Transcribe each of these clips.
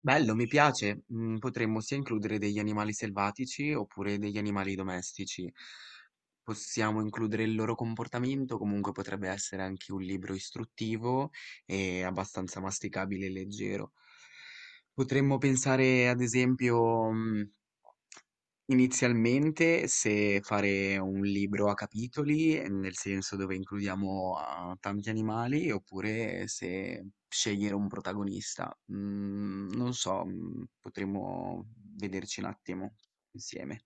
Bello, mi piace. Mm, potremmo sia includere degli animali selvatici oppure degli animali domestici. Possiamo includere il loro comportamento, comunque potrebbe essere anche un libro istruttivo e abbastanza masticabile e leggero. Potremmo pensare, ad esempio, inizialmente se fare un libro a capitoli, nel senso dove includiamo, tanti animali, oppure se scegliere un protagonista. Mhmm, non so, mhmm, potremmo vederci un attimo insieme.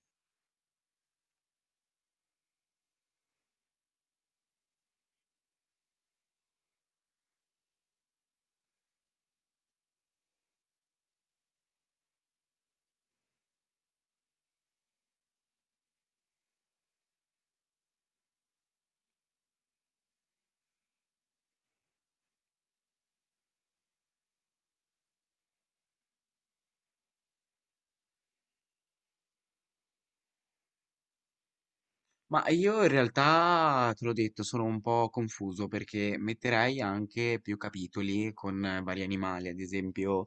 Ma io in realtà, te l'ho detto, sono un po' confuso perché metterei anche più capitoli con vari animali, ad esempio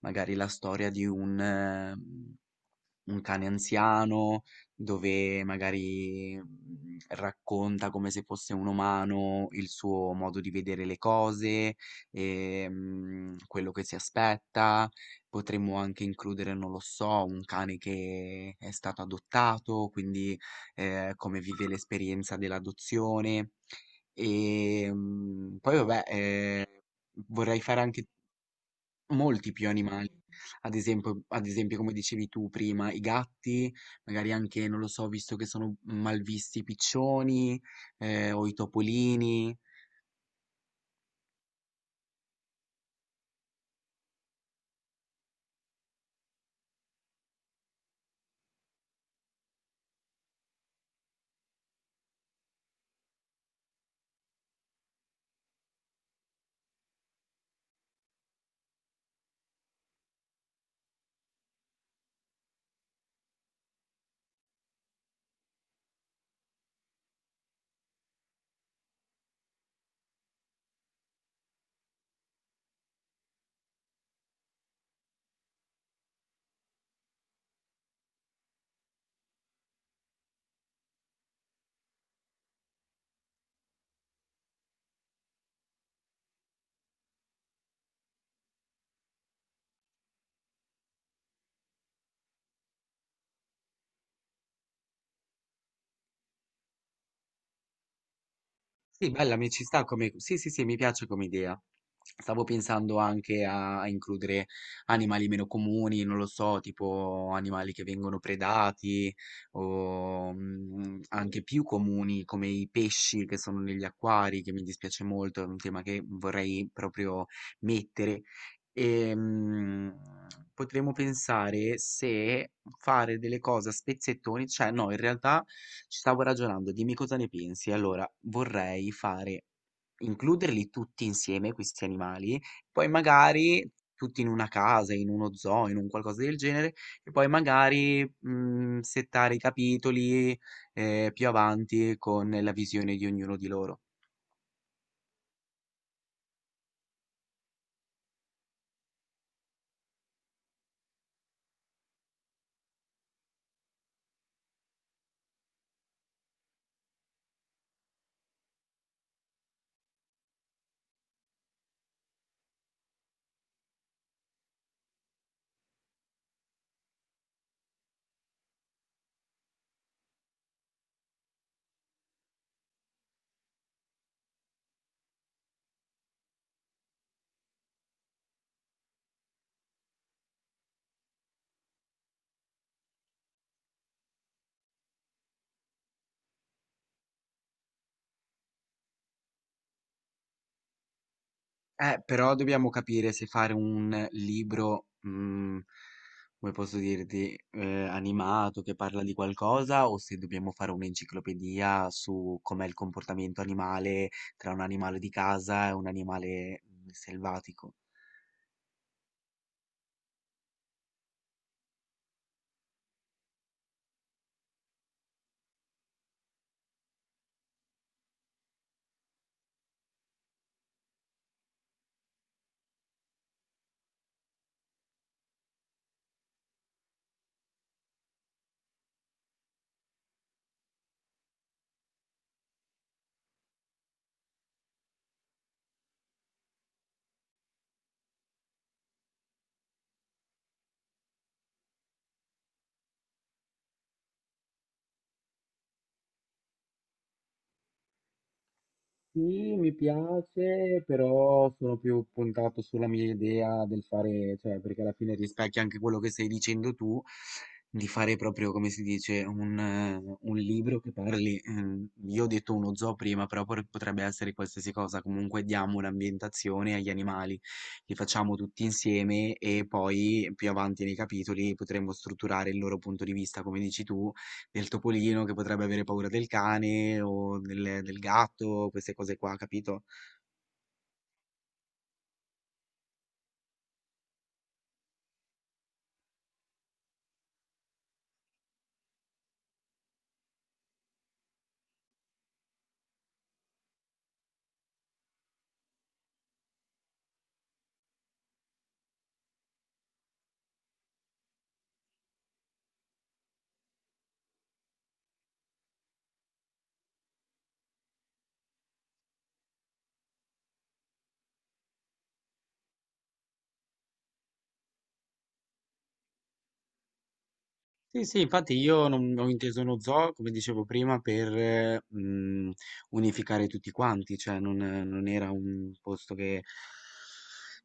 magari la storia di un cane anziano, dove magari racconta come se fosse un umano il suo modo di vedere le cose, e, quello che si aspetta. Potremmo anche includere, non lo so, un cane che è stato adottato, quindi come vive l'esperienza dell'adozione. E poi vabbè, vorrei fare anche molti più animali. Ad esempio come dicevi tu prima, i gatti, magari anche, non lo so, visto che sono malvisti i piccioni, o i topolini. Sì, bella, mi ci sta come... Sì, sì, sì, mi piace come idea. Stavo pensando anche a includere animali meno comuni, non lo so, tipo animali che vengono predati o anche più comuni come i pesci che sono negli acquari, che mi dispiace molto, è un tema che vorrei proprio mettere. Ehm, potremmo pensare se fare delle cose a spezzettoni, cioè no, in realtà ci stavo ragionando, dimmi cosa ne pensi. Allora, vorrei fare, includerli tutti insieme, questi animali, poi magari tutti in una casa, in uno zoo, in un qualcosa del genere, e poi magari settare i capitoli più avanti con la visione di ognuno di loro. Però dobbiamo capire se fare un libro, mhmm, come posso dirti, animato che parla di qualcosa o se dobbiamo fare un'enciclopedia su com'è il comportamento animale tra un animale di casa e un animale, mhmm, selvatico. Sì, mi piace, però sono più puntato sulla mia idea del fare, cioè, perché alla fine rispecchia anche quello che stai dicendo tu, di fare proprio, come si dice, un libro che parli, io ho detto uno zoo prima, però potrebbe essere qualsiasi cosa, comunque diamo un'ambientazione agli animali, li facciamo tutti insieme e poi più avanti nei capitoli potremmo strutturare il loro punto di vista, come dici tu, del topolino che potrebbe avere paura del cane o del, del gatto, queste cose qua, capito? Sì, sì, infatti io non ho inteso uno zoo, come dicevo prima, per unificare tutti quanti, cioè non, non era un posto che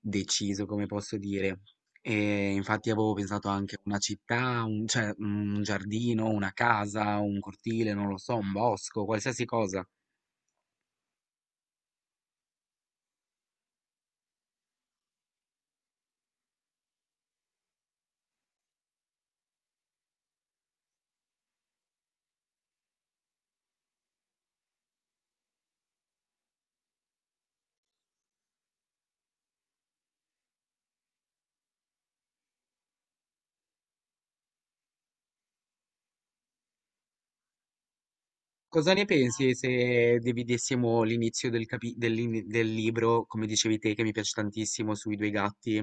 deciso, come posso dire. E infatti avevo pensato anche a una città, un, cioè un giardino, una casa, un cortile, non lo so, un bosco, qualsiasi cosa. Cosa ne pensi se dividessimo l'inizio del, del libro, come dicevi te, che mi piace tantissimo, sui due gatti,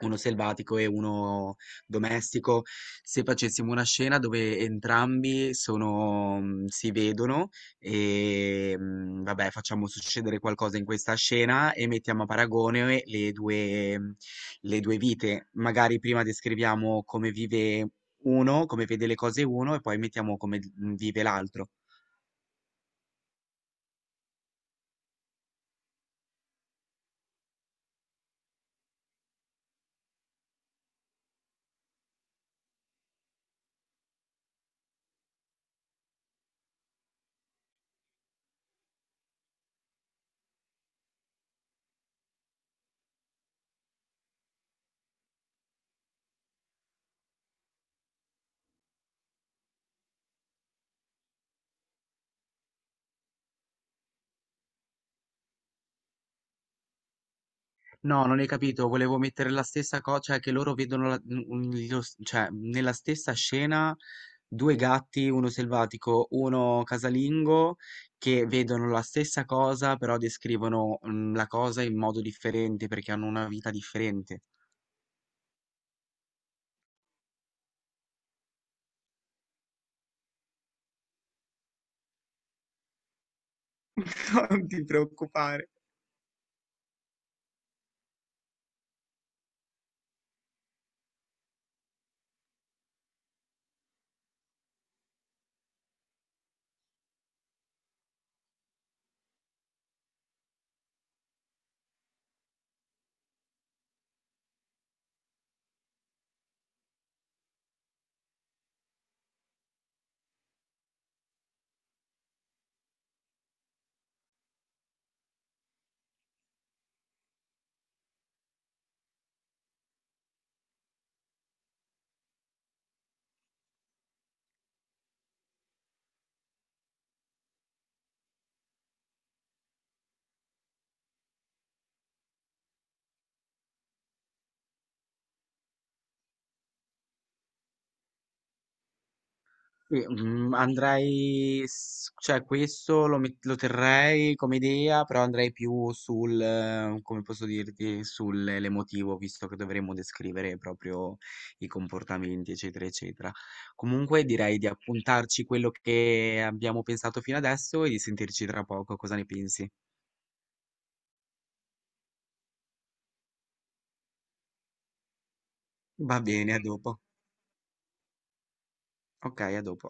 uno selvatico e uno domestico, se facessimo una scena dove entrambi sono, si vedono e vabbè, facciamo succedere qualcosa in questa scena e mettiamo a paragone le due, le due vite. Magari prima descriviamo come vive uno, come vede le cose uno e poi mettiamo come vive l'altro. No, non hai capito, volevo mettere la stessa cosa, cioè che loro vedono cioè, nella stessa scena due gatti, uno selvatico, uno casalingo, che vedono la stessa cosa, però descrivono la cosa in modo differente perché hanno una vita differente. Non ti preoccupare. Qui, mhmm, andrei s cioè questo lo terrei come idea, però andrei più sul come posso dirti, sul l'emotivo, visto che dovremmo descrivere proprio i comportamenti, eccetera, eccetera. Comunque direi di appuntarci quello che abbiamo pensato fino adesso e di sentirci tra poco, cosa ne pensi? Va bene, a dopo. Okay, a dopo.